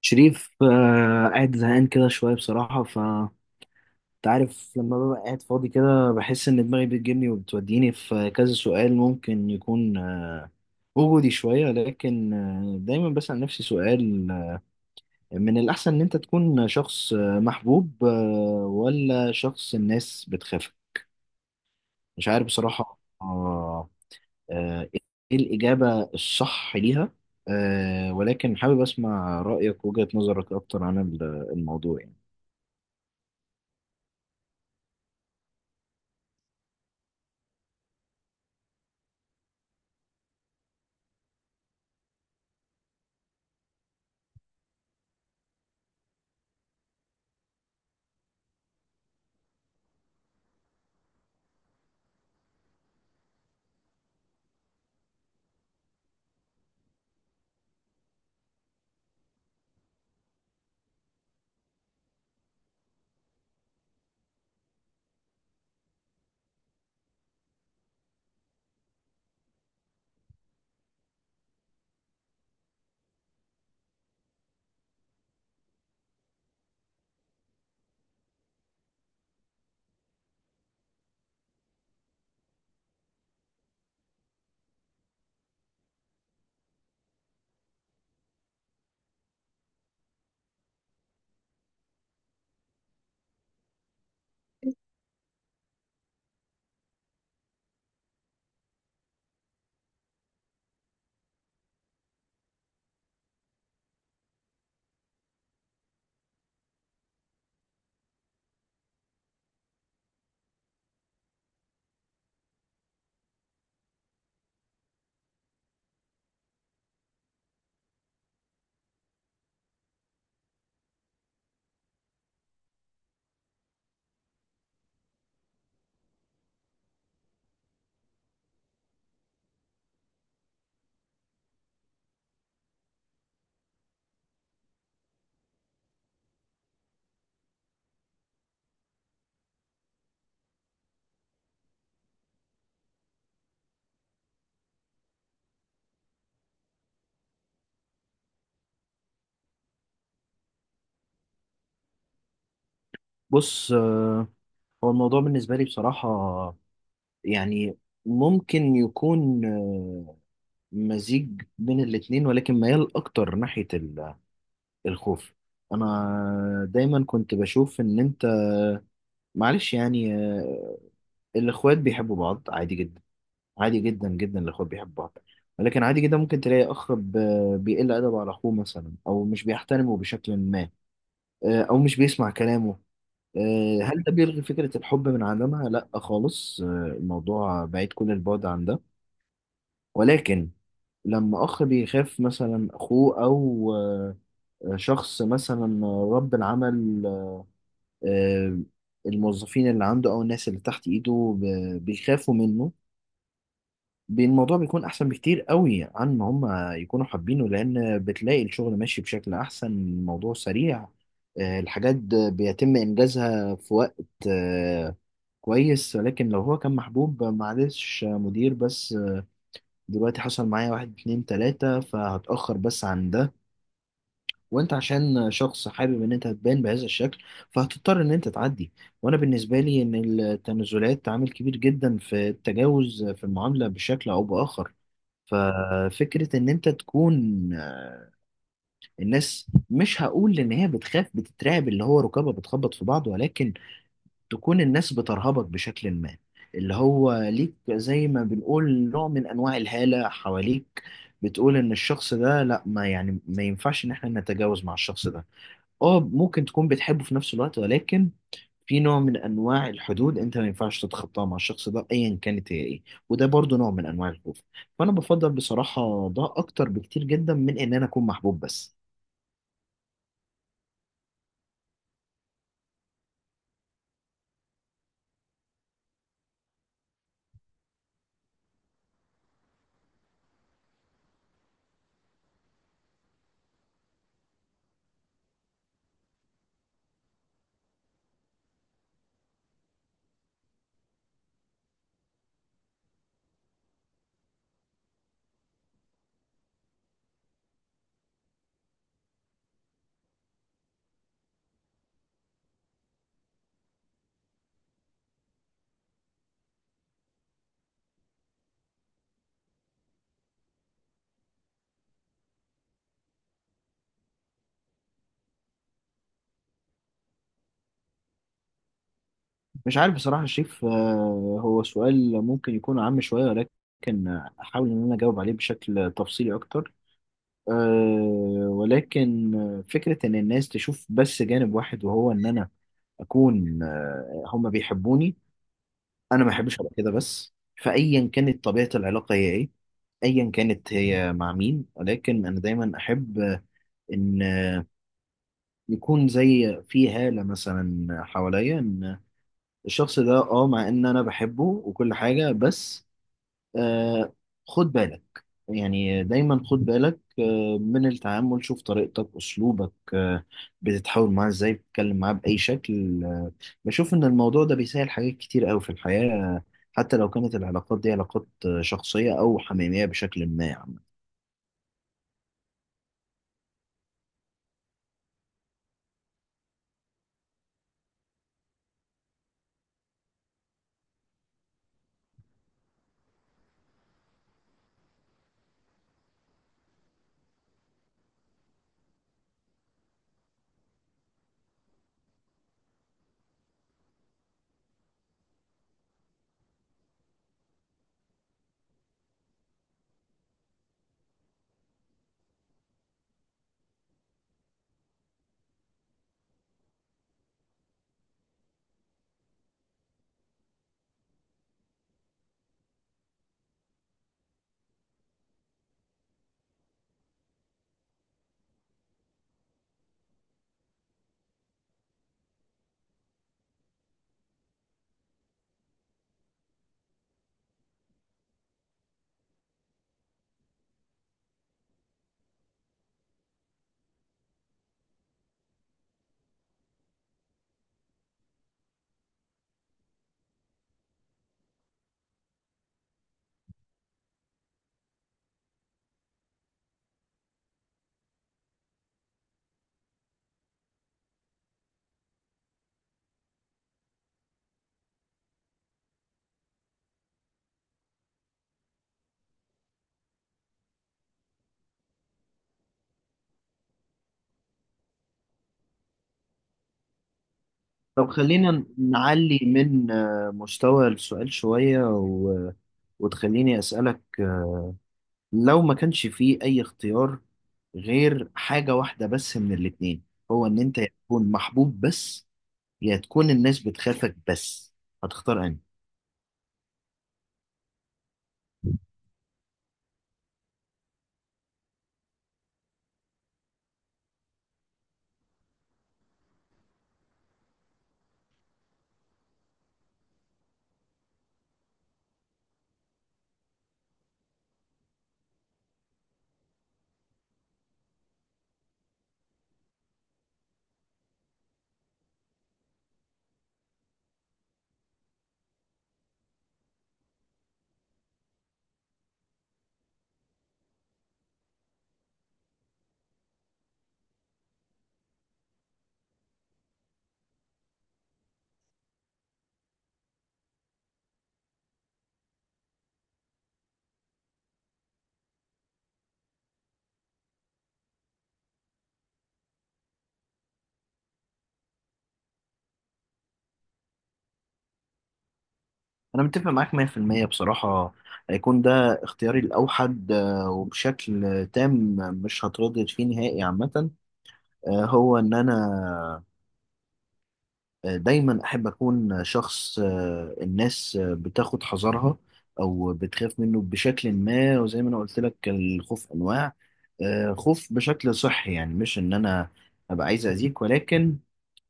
شريف، قاعد زهقان كده شوية بصراحة. ف انت عارف لما ببقى قاعد فاضي كده بحس إن دماغي بتجيبني وبتوديني في كذا سؤال ممكن يكون وجودي شوية. لكن دايما بسأل نفسي سؤال: من الأحسن إن أنت تكون شخص محبوب ولا شخص الناس بتخاف؟ مش عارف بصراحة. إيه الإجابة الصح ليها؟ ولكن حابب أسمع رأيك ووجهة نظرك أكتر عن الموضوع يعني. بص، هو الموضوع بالنسبة لي بصراحة يعني ممكن يكون مزيج بين الاتنين، ولكن ميال أكتر ناحية الخوف. أنا دايما كنت بشوف إن أنت معلش يعني، الإخوات بيحبوا بعض عادي جدا، عادي جدا جدا الإخوات بيحبوا بعض. ولكن عادي جدا ممكن تلاقي أخ بيقل أدبه على أخوه مثلا، أو مش بيحترمه بشكل ما، أو مش بيسمع كلامه. هل ده بيلغي فكرة الحب من عدمها؟ لا خالص، الموضوع بعيد كل البعد عن ده. ولكن لما أخ بيخاف مثلا أخوه، أو شخص مثلا رب العمل، آه، الموظفين اللي عنده أو الناس اللي تحت إيده بيخافوا منه، الموضوع بيكون احسن بكتير قوي عن ما هم يكونوا حابينه، لان بتلاقي الشغل ماشي بشكل احسن، الموضوع سريع، الحاجات بيتم انجازها في وقت آه، كويس. ولكن لو هو كان محبوب، معلش يا مدير بس دلوقتي حصل معايا واحد اتنين تلاتة فهتأخر بس عن ده، وانت عشان شخص حابب ان انت تبان بهذا الشكل فهتضطر ان انت تعدي. وانا بالنسبة لي، ان التنازلات عامل كبير جدا في التجاوز في المعاملة بشكل او بآخر. ففكرة إن أنت تكون آه، الناس، مش هقول إن هي بتخاف بتترعب اللي هو ركابها بتخبط في بعض، ولكن تكون الناس بترهبك بشكل ما، اللي هو ليك زي ما بنقول نوع من أنواع الهالة حواليك، بتقول إن الشخص ده لأ، ما يعني ما ينفعش إن إحنا نتجاوز مع الشخص ده. اه، ممكن تكون بتحبه في نفس الوقت، ولكن في نوع من انواع الحدود انت ما ينفعش تتخطاها مع الشخص ده ايا كانت هي ايه. وده برضو نوع من انواع الخوف. فانا بفضل بصراحه ده اكتر بكتير جدا من ان انا اكون محبوب بس. مش عارف بصراحه يا شريف. هو سؤال ممكن يكون عام شويه، ولكن احاول ان انا اجاوب عليه بشكل تفصيلي اكتر. ولكن فكره ان الناس تشوف بس جانب واحد، وهو ان انا اكون هما بيحبوني، انا ما احبش ابقى كده بس. فايا كانت طبيعه العلاقه هي ايه، ايا كانت هي مع مين، ولكن انا دايما احب ان يكون زي في هاله مثلا حواليا، ان الشخص ده مع ان انا بحبه وكل حاجه بس. آه خد بالك، يعني دايما خد بالك من التعامل، شوف طريقتك أسلوبك، بتتحاول معاه إزاي، بتتكلم معاه بأي شكل، بشوف إن الموضوع ده بيسهل حاجات كتير أوي في الحياة، حتى لو كانت العلاقات دي علاقات شخصية أو حميمية بشكل ما يعني. طب خلينا نعلي من مستوى السؤال شوية، وتخليني أسألك: لو ما كانش فيه أي اختيار غير حاجة واحدة بس من الاتنين، هو إن أنت يا تكون محبوب بس، يا تكون الناس بتخافك بس، هتختار أنهي؟ أنا متفق معاك 100% بصراحة. هيكون ده اختياري الأوحد، وبشكل تام، مش هتردد فيه نهائي عامة. هو إن أنا دايما احب اكون شخص الناس بتاخد حذرها او بتخاف منه بشكل ما. وزي ما انا قلت لك الخوف انواع، خوف بشكل صحي، يعني مش ان انا ابقى عايز اذيك، ولكن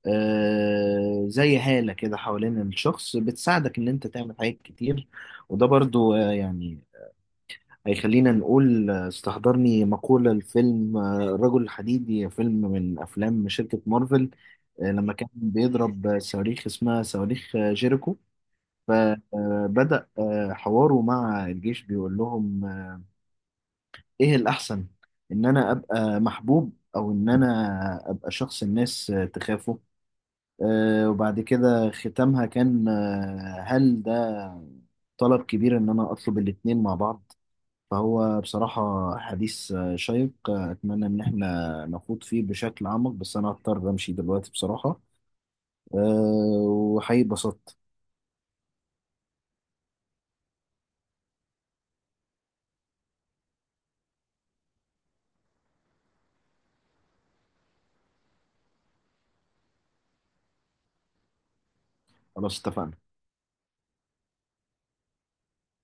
زي هالة كده حوالين الشخص بتساعدك ان انت تعمل حاجات كتير. وده برضو يعني هيخلينا نقول، استحضرني مقولة الفيلم الرجل الحديدي، فيلم من أفلام شركة مارفل. لما كان بيضرب صواريخ اسمها صواريخ جيريكو، فبدأ حواره مع الجيش بيقول لهم: إيه الأحسن، إن أنا أبقى محبوب أو إن أنا أبقى شخص الناس تخافه؟ وبعد كده ختامها كان: هل ده طلب كبير إن أنا أطلب الاتنين مع بعض؟ فهو بصراحة حديث شيق. أتمنى إن إحنا نخوض فيه بشكل أعمق، بس أنا هضطر أمشي دلوقتي بصراحة. أه، وحقيقي اتبسطت. خلاص، اتفقنا.